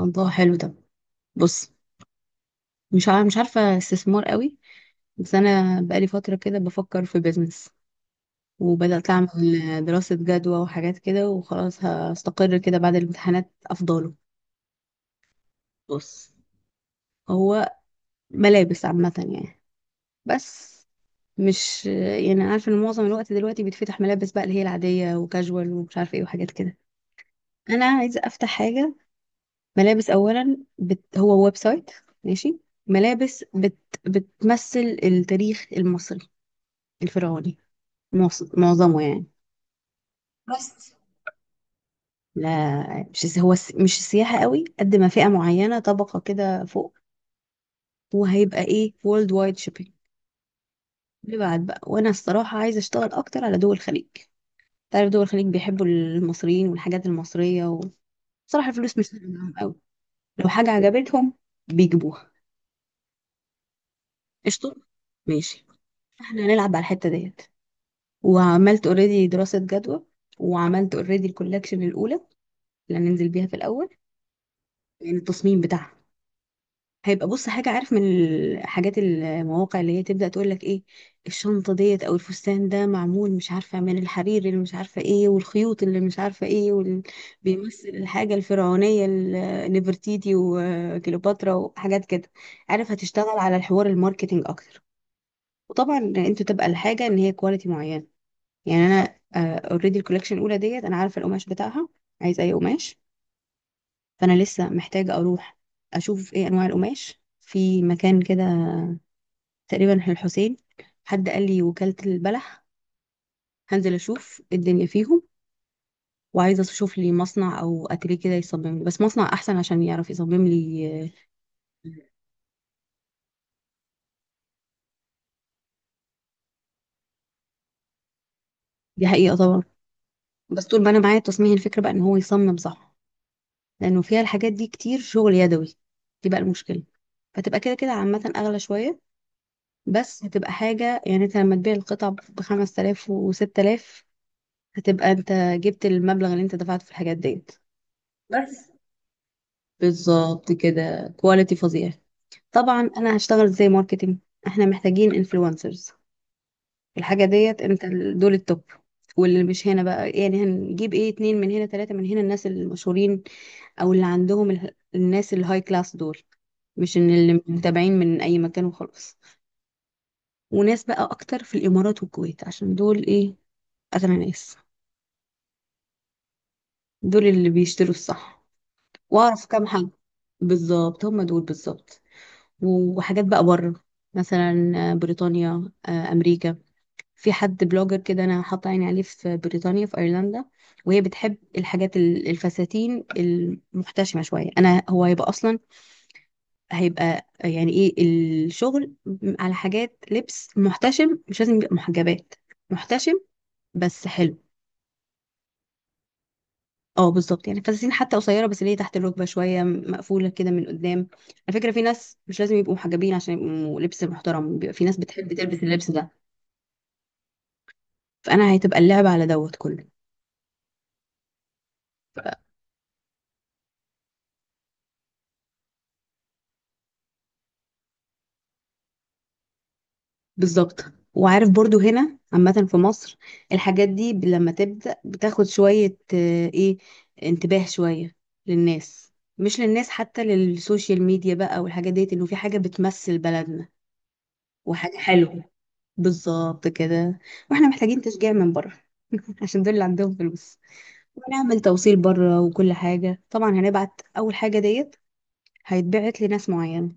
الله، حلو ده. بص، مش عارفة استثمار قوي. بس أنا بقالي فترة كده بفكر في بيزنس، وبدأت أعمل دراسة جدوى وحاجات كده، وخلاص هستقر كده بعد الامتحانات أفضله. بص، هو ملابس عامة يعني. بس مش يعني عارفة إن معظم الوقت دلوقتي بيتفتح ملابس بقى، اللي هي العادية وكاجوال ومش عارفة إيه وحاجات كده. أنا عايزة أفتح حاجة ملابس. هو ويب سايت، ماشي؟ ملابس بت... بتمثل التاريخ المصري الفرعوني، معظمه يعني. بس لا، مش السياحة قوي قد ما فئة معينة، طبقة كده فوق. وهيبقى ايه، وورلد وايد شيبينج، اللي بعد بقى. وانا الصراحة عايزة اشتغل اكتر على دول الخليج. تعرف دول الخليج بيحبوا المصريين والحاجات المصرية، وصراحة الفلوس مش فارقة معاهم قوي. لو حاجة عجبتهم بيجيبوها. قشطة، ماشي. احنا هنلعب على الحتة ديت. وعملت اوريدي دراسة جدوى، وعملت اوريدي الكولكشن الأولى اللي هننزل بيها في الأول. يعني التصميم بتاعها هيبقى، بص، حاجة. عارف من الحاجات المواقع اللي هي تبدأ تقول لك ايه، الشنطة ديت او الفستان ده معمول مش عارفة من الحرير اللي مش عارفة ايه، والخيوط اللي مش عارفة ايه، وال... بيمثل الحاجة الفرعونية، نفرتيتي وكليوباترا وحاجات كده. عارف، هتشتغل على الحوار الماركتينج اكتر. وطبعا انت تبقى الحاجة ان هي كواليتي معينة. يعني انا اوريدي الكوليكشن الاولى ديت انا عارفة القماش بتاعها عايز اي قماش. فانا لسه محتاجة اروح اشوف ايه انواع القماش في مكان كده، تقريبا الحسين. حد قال لي وكالة البلح. هنزل اشوف الدنيا فيهم. وعايزة اشوف لي مصنع او اتيليه كده يصمم لي، بس مصنع احسن عشان يعرف يصمم لي. دي حقيقة طبعا. بس طول ما انا معايا التصميم الفكرة بقى ان هو يصمم، صح؟ لانه فيها الحاجات دي كتير شغل يدوي، دي بقى المشكلة. فتبقى كده كده عامة اغلى شوية، بس هتبقى حاجة. يعني انت لما تبيع القطع بخمس آلاف وستة آلاف، هتبقى انت جبت المبلغ اللي انت دفعته في الحاجات ديت. بس بالظبط كده، كواليتي فظيع. طبعا انا هشتغل زي ماركتينج. احنا محتاجين انفلونسرز. الحاجه ديت انت دول التوب. واللي مش هنا بقى، يعني هنجيب ايه، اتنين من هنا، تلاته من هنا، الناس المشهورين، او اللي عندهم الناس الهاي كلاس دول. مش ان اللي متابعين من اي مكان وخلاص. وناس بقى اكتر في الامارات والكويت، عشان دول ايه، اغنى ناس. دول اللي بيشتروا الصح. واعرف كام حاجه، بالظبط هم دول بالظبط. وحاجات بقى بره، مثلا بريطانيا، امريكا. في حد بلوجر كده انا حاطه عيني عليه في بريطانيا، في ايرلندا. وهي بتحب الحاجات الفساتين المحتشمه شويه. انا هو هيبقى اصلا هيبقى يعني ايه، الشغل على حاجات لبس محتشم. مش لازم يبقى محجبات، محتشم بس حلو. اه بالظبط، يعني فساتين حتى قصيره، بس اللي هي تحت الركبه شويه، مقفوله كده من قدام. على فكره في ناس مش لازم يبقوا محجبين عشان يبقوا لبس محترم، بيبقى في ناس بتحب تلبس اللبس ده. فانا هتبقى اللعبه على دوت كله. بالظبط. وعارف برضو هنا عامة في مصر الحاجات دي لما تبدأ بتاخد شوية ايه انتباه شوية للناس. مش للناس، حتى للسوشيال ميديا بقى والحاجات ديت، انه في حاجة بتمثل بلدنا وحاجة حلوة. بالظبط كده. واحنا محتاجين تشجيع من بره. عشان دول اللي عندهم فلوس. ونعمل توصيل بره وكل حاجة. طبعا هنبعت أول حاجة ديت، هيتبعت لناس معينة.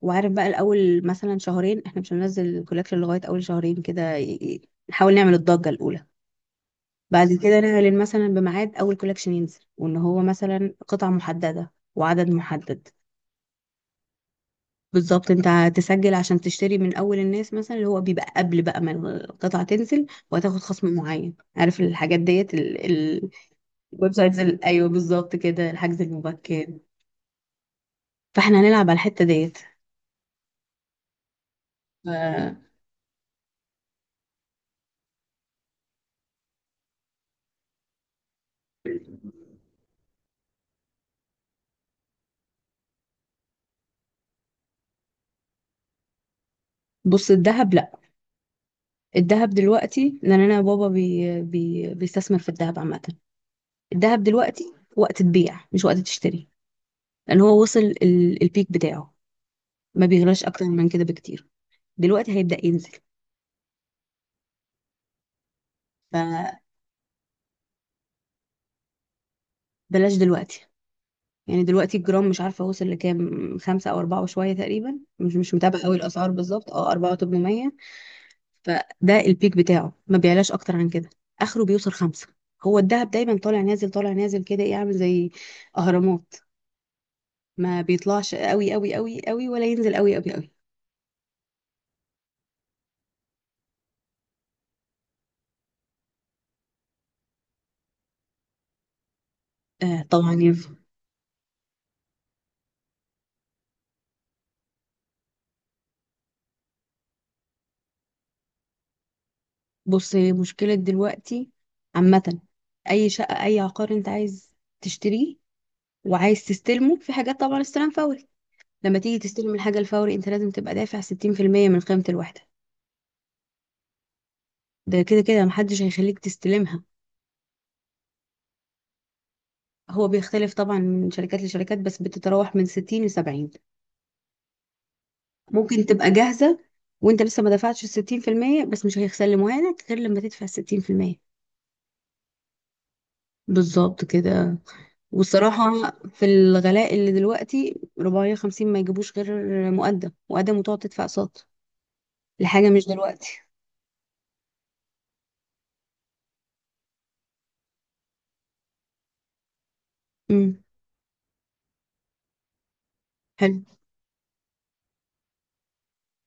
وعارف بقى الاول مثلا شهرين احنا مش هننزل الكولكشن لغايه اول شهرين كده، نحاول نعمل الضجه الاولى. بعد كده نعلن مثلا بميعاد اول كولكشن ينزل، وان هو مثلا قطعه محدده وعدد محدد. بالظبط، انت هتسجل عشان تشتري من اول الناس، مثلا، اللي هو بيبقى قبل بقى ما القطعه تنزل. وهتاخد خصم معين. عارف الحاجات ديت الويب سايتس ايوه بالظبط كده، الحجز المبكر. فاحنا هنلعب على الحته ديت. ف- بص الذهب لا. الذهب دلوقتي، لان انا بابا بي بي بيستثمر في الذهب عامه. الذهب دلوقتي وقت تبيع مش وقت تشتري. لان هو وصل البيك بتاعه، ما بيغلاش اكتر من كده بكتير. دلوقتي هيبدأ ينزل. فبلاش دلوقتي. يعني دلوقتي الجرام مش عارفه وصل لكام، خمسة او اربعة وشويه تقريبا، مش متابعه قوي الاسعار بالظبط. اه، اربعة وتمنمية. فده البيك بتاعه، ما بيعلاش اكتر عن كده، اخره بيوصل خمسة. هو الذهب دايما طالع نازل طالع نازل كده، ايه، عامل زي اهرامات. ما بيطلعش قوي قوي قوي قوي، ولا ينزل قوي قوي قوي. آه طبعا ينفع. بص، هي مشكلة دلوقتي عامة. أي شقة أي عقار أنت عايز تشتريه وعايز تستلمه في حاجات طبعا استلام فوري. لما تيجي تستلم الحاجة الفوري أنت لازم تبقى دافع 60% من قيمة الوحدة. ده كده كده محدش هيخليك تستلمها. هو بيختلف طبعا من شركات لشركات، بس بتتراوح من 60 ل 70. ممكن تبقى جاهزة وأنت لسه ما دفعتش الستين في المية، بس مش هيسلموها لك غير لما تدفع الستين في المية. بالظبط كده. والصراحة في الغلاء اللي دلوقتي 450 ما يجيبوش غير مقدم مقدم، وتقعد تدفع اقساط لحاجة مش دلوقتي. امم، حلو.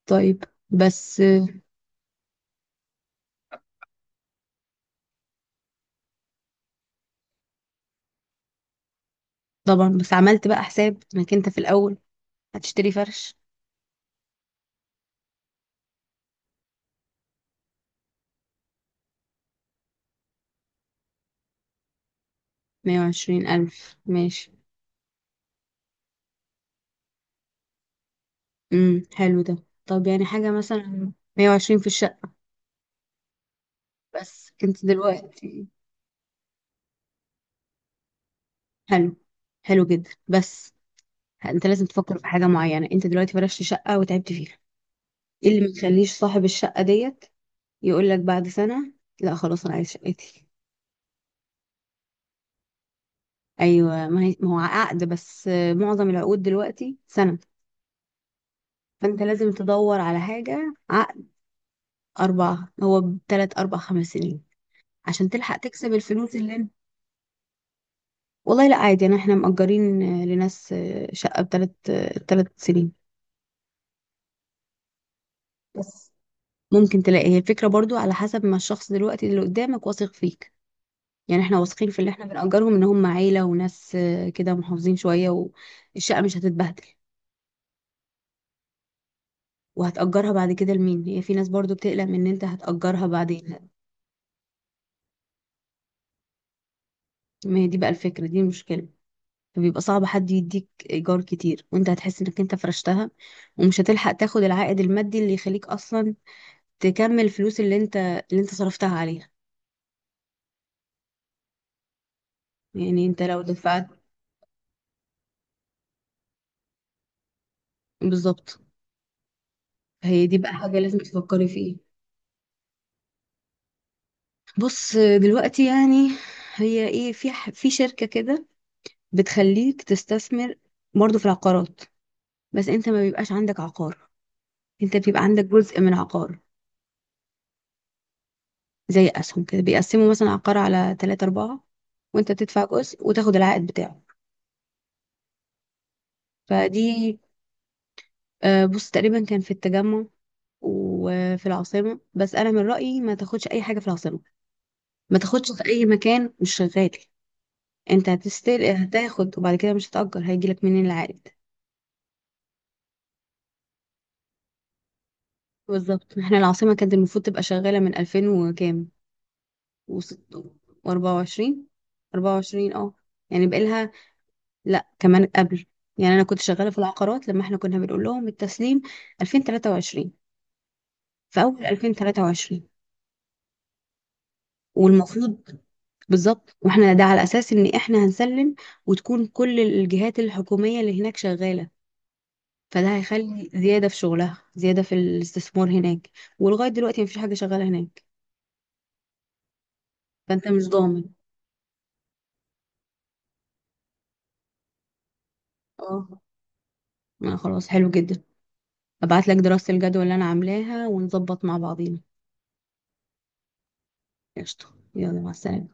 طيب، بس طبعا بس عملت بقى حساب انك انت في الأول هتشتري فرش. 120 ألف، ماشي. امم، حلو ده. طب يعني حاجة مثلا 120 في الشقة. بس انت دلوقتي، حلو، حلو جدا، بس انت لازم تفكر في حاجة معينة. انت دلوقتي فرشت شقة وتعبت فيها، ايه اللي ما يخليش صاحب الشقة ديت يقول لك بعد سنة لا خلاص انا عايز شقتي؟ ايوه، ما هو عقد، بس معظم العقود دلوقتي سنة. فانت لازم تدور على حاجة عقد اربع، هو تلات اربع خمس سنين، عشان تلحق تكسب الفلوس اللي انت. والله لا عادي، انا احنا مأجرين لناس شقة بتلات، تلات سنين. بس ممكن تلاقي، هي الفكرة برضو على حسب ما الشخص دلوقتي اللي قدامك واثق فيك. يعني احنا واثقين في اللي احنا بنأجرهم ان هم عيلة وناس كده محافظين شوية، والشقة مش هتتبهدل. وهتأجرها بعد كده لمين، هي في ناس برضو بتقلق من ان انت هتأجرها بعدين. ما هي دي بقى الفكرة، دي المشكلة. فبيبقى صعب حد يديك إيجار كتير، وانت هتحس انك انت فرشتها، ومش هتلحق تاخد العائد المادي اللي يخليك اصلا تكمل الفلوس اللي انت اللي انت صرفتها عليها. يعني انت لو دفعت، بالظبط. هي دي بقى حاجة لازم تفكري فيها. بص دلوقتي يعني، هي ايه، في في شركة كده بتخليك تستثمر برضو في العقارات. بس انت ما بيبقاش عندك عقار، انت بيبقى عندك جزء من عقار. زي اسهم كده، بيقسموا مثلا عقار على ثلاثة أربعة، وانت بتدفع جزء وتاخد العائد بتاعه. فدي، بص، تقريبا كان في التجمع وفي العاصمة. بس أنا من رأيي ما تاخدش أي حاجة في العاصمة. ما تاخدش في أي مكان مش شغال. انت هتستل هتاخد، وبعد كده مش هتأجر، هيجيلك منين العائد؟ بالظبط. احنا العاصمة كانت المفروض تبقى شغالة من 2000 وكام، و24. 24، اه. يعني بقالها، لا كمان قبل. يعني انا كنت شغاله في العقارات لما احنا كنا بنقول لهم التسليم 2023، في اول 2023. والمفروض، بالظبط، واحنا ده على اساس ان احنا هنسلم وتكون كل الجهات الحكوميه اللي هناك شغاله، فده هيخلي زياده في شغلها، زياده في الاستثمار هناك. ولغايه دلوقتي مفيش حاجه شغاله هناك. فانت مش ضامن. اه، خلاص، حلو جدا. ابعت لك دراسه الجدوى اللي انا عاملاها ونظبط مع بعضينا. قشطه، يلا مع السلامه.